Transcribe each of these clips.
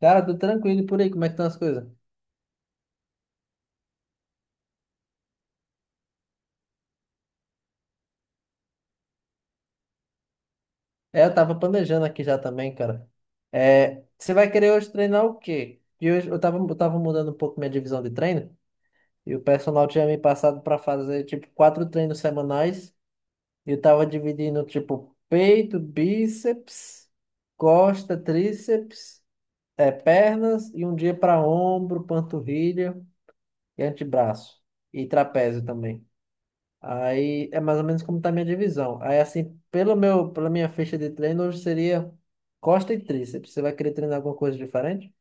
Cara, tô tranquilo e por aí, como é que estão as coisas? É, eu tava planejando aqui já também, cara. É, você vai querer hoje treinar o quê? E hoje eu tava mudando um pouco minha divisão de treino e o personal tinha me passado pra fazer tipo quatro treinos semanais e eu tava dividindo tipo peito, bíceps, costa, tríceps, é, pernas e um dia pra ombro, panturrilha e antebraço e trapézio também. Aí é mais ou menos como está a minha divisão. Aí assim, pela minha ficha de treino, hoje seria costa e tríceps. Você vai querer treinar alguma coisa diferente?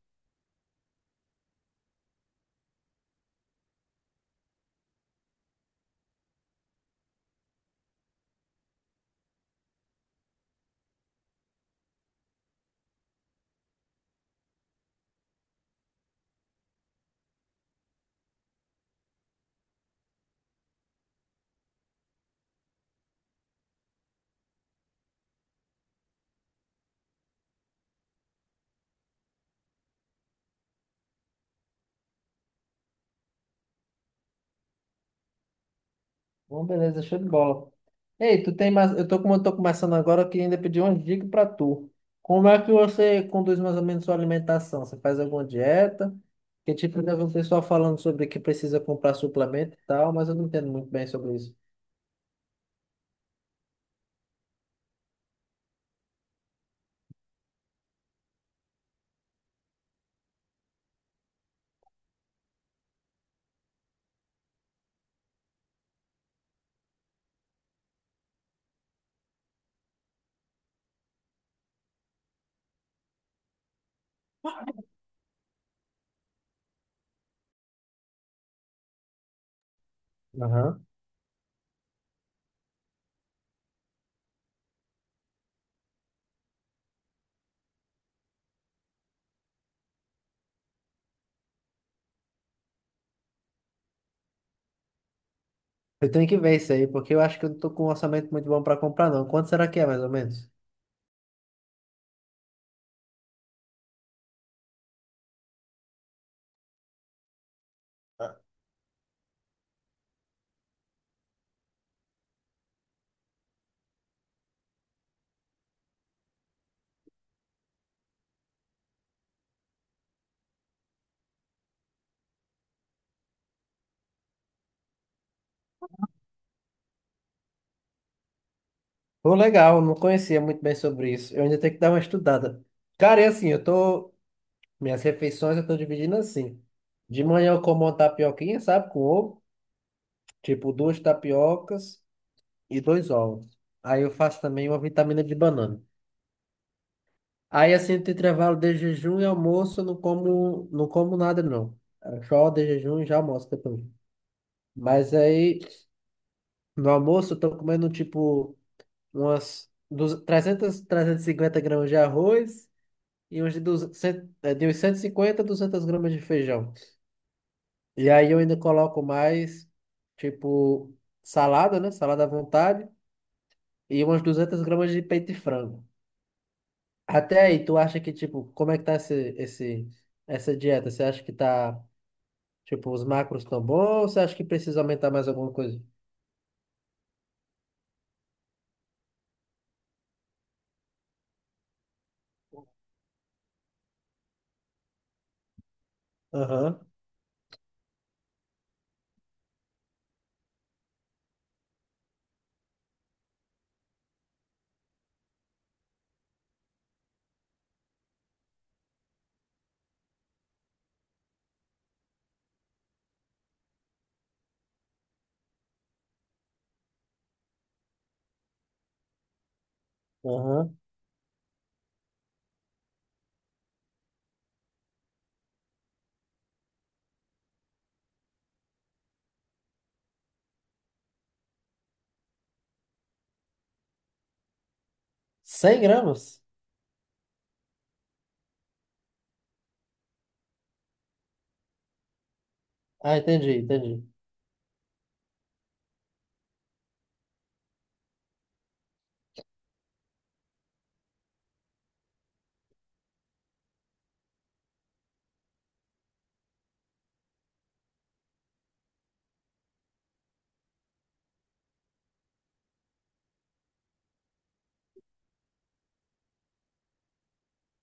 Bom, beleza, show de bola. Ei, tu tem mais, eu tô como eu tô começando agora, eu queria ainda pedir uma dica para tu. Como é que você conduz mais ou menos sua alimentação? Você faz alguma dieta? Que tipo, eu já vi um pessoal falando sobre que precisa comprar suplemento e tal, mas eu não entendo muito bem sobre isso. Aham. Eu tenho que ver isso aí, porque eu acho que eu não tô com um orçamento muito bom para comprar, não. Quanto será que é, mais ou menos? Pô, legal, não conhecia muito bem sobre isso. Eu ainda tenho que dar uma estudada. Cara, é assim, eu tô. Minhas refeições eu tô dividindo assim. De manhã eu como uma tapioquinha, sabe? Com ovo. Tipo, duas tapiocas e dois ovos. Aí eu faço também uma vitamina de banana. Aí assim, entre intervalo de jejum e almoço, eu não como nada, não. É só de jejum e já almoço depois. Mas aí, no almoço, eu tô comendo tipo umas 200, 300, 350 gramas de arroz. E 200, de uns 150 a 200 gramas de feijão. E aí eu ainda coloco mais, tipo, salada, né? Salada à vontade e umas 200 gramas de peito de frango. Até aí, tu acha que, tipo, como é que tá essa dieta? Você acha que tá, tipo, os macros tão bons ou você acha que precisa aumentar mais alguma coisa? Aham, aham. 100 gramas? Ah, entendi, entendi.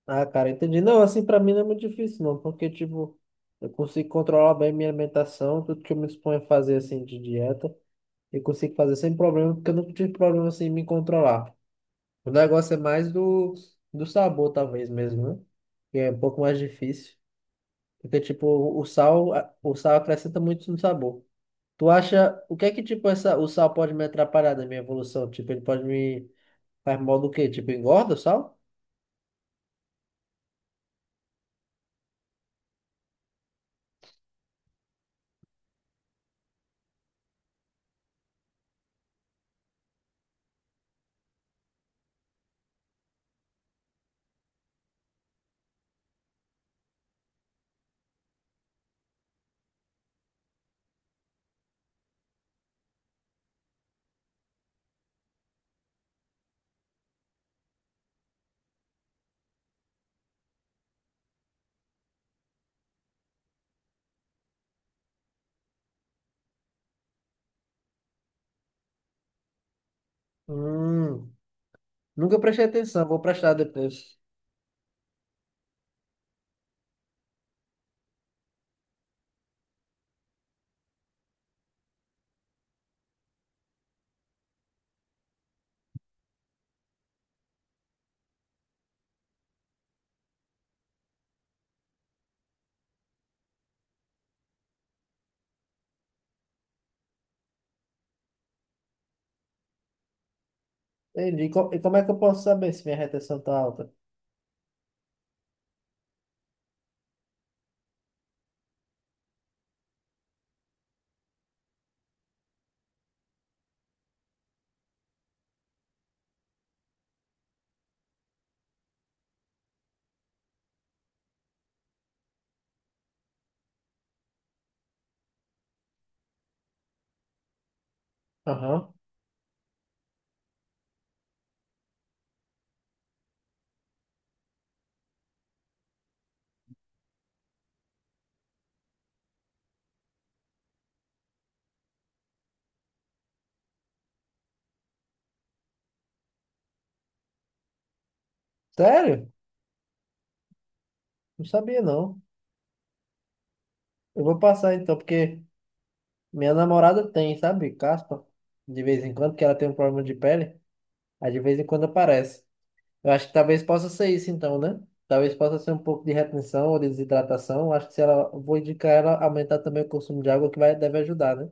Ah, cara, entendi. Não, assim, pra mim não é muito difícil, não, porque, tipo, eu consigo controlar bem minha alimentação, tudo que eu me exponho a fazer, assim, de dieta, eu consigo fazer sem problema, porque eu nunca tive problema, assim, em me controlar. O negócio é mais do sabor, talvez mesmo, né? Que é um pouco mais difícil, porque, tipo, o sal acrescenta muito no sabor. Tu acha, o que é que, tipo, essa, o sal pode me atrapalhar na minha evolução? Tipo, ele pode me, faz mal do quê? Tipo, engorda o sal? Hum, nunca prestei atenção, vou prestar depois. Entendi. E como é que eu posso saber se minha retenção tá alta? Aham. Sério? Não sabia, não. Eu vou passar então, porque minha namorada tem, sabe, caspa, de vez em quando, que ela tem um problema de pele, aí de vez em quando aparece. Eu acho que talvez possa ser isso então, né? Talvez possa ser um pouco de retenção ou de desidratação. Eu acho que se ela, vou indicar ela aumentar também o consumo de água, que vai, deve ajudar, né?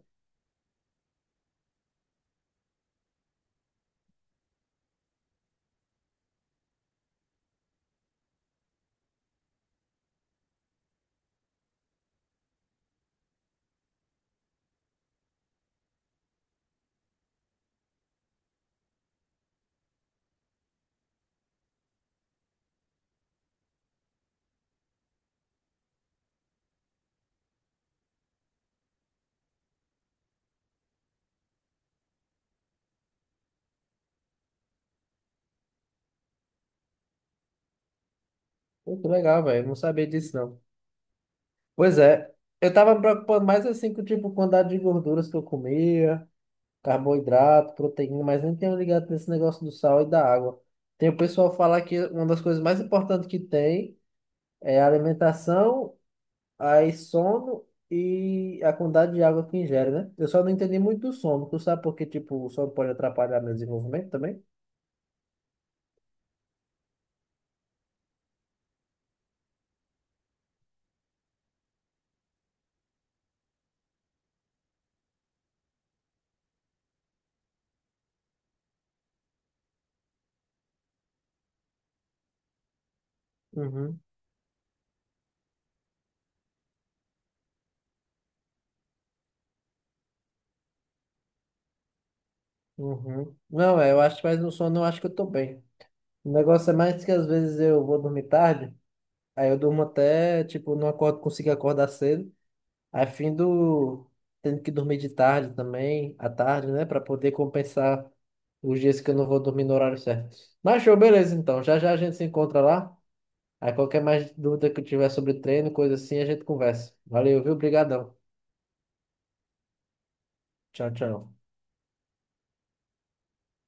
Muito legal, velho. Não sabia disso, não. Pois é. Eu tava me preocupando mais assim com, tipo, quantidade de gorduras que eu comia. Carboidrato, proteína, mas nem tenho ligado nesse negócio do sal e da água. Tem o pessoal falar que uma das coisas mais importantes que tem é a alimentação, aí sono e a quantidade de água que ingere, né? Eu só não entendi muito do sono. Tu sabe porque, tipo, o sono pode atrapalhar meu desenvolvimento também? Uhum, uhum. Não, é, eu acho que mais no sono eu acho que eu tô bem. O negócio é mais que às vezes eu vou dormir tarde, aí eu durmo até, tipo, não acordo, consigo acordar cedo. A fim do tendo que dormir de tarde também, à tarde, né, para poder compensar os dias que eu não vou dormir no horário certo. Mas show, beleza então. Já já a gente se encontra lá. Aí qualquer mais dúvida que eu tiver sobre treino, coisa assim, a gente conversa. Valeu, viu? Obrigadão. Tchau, tchau.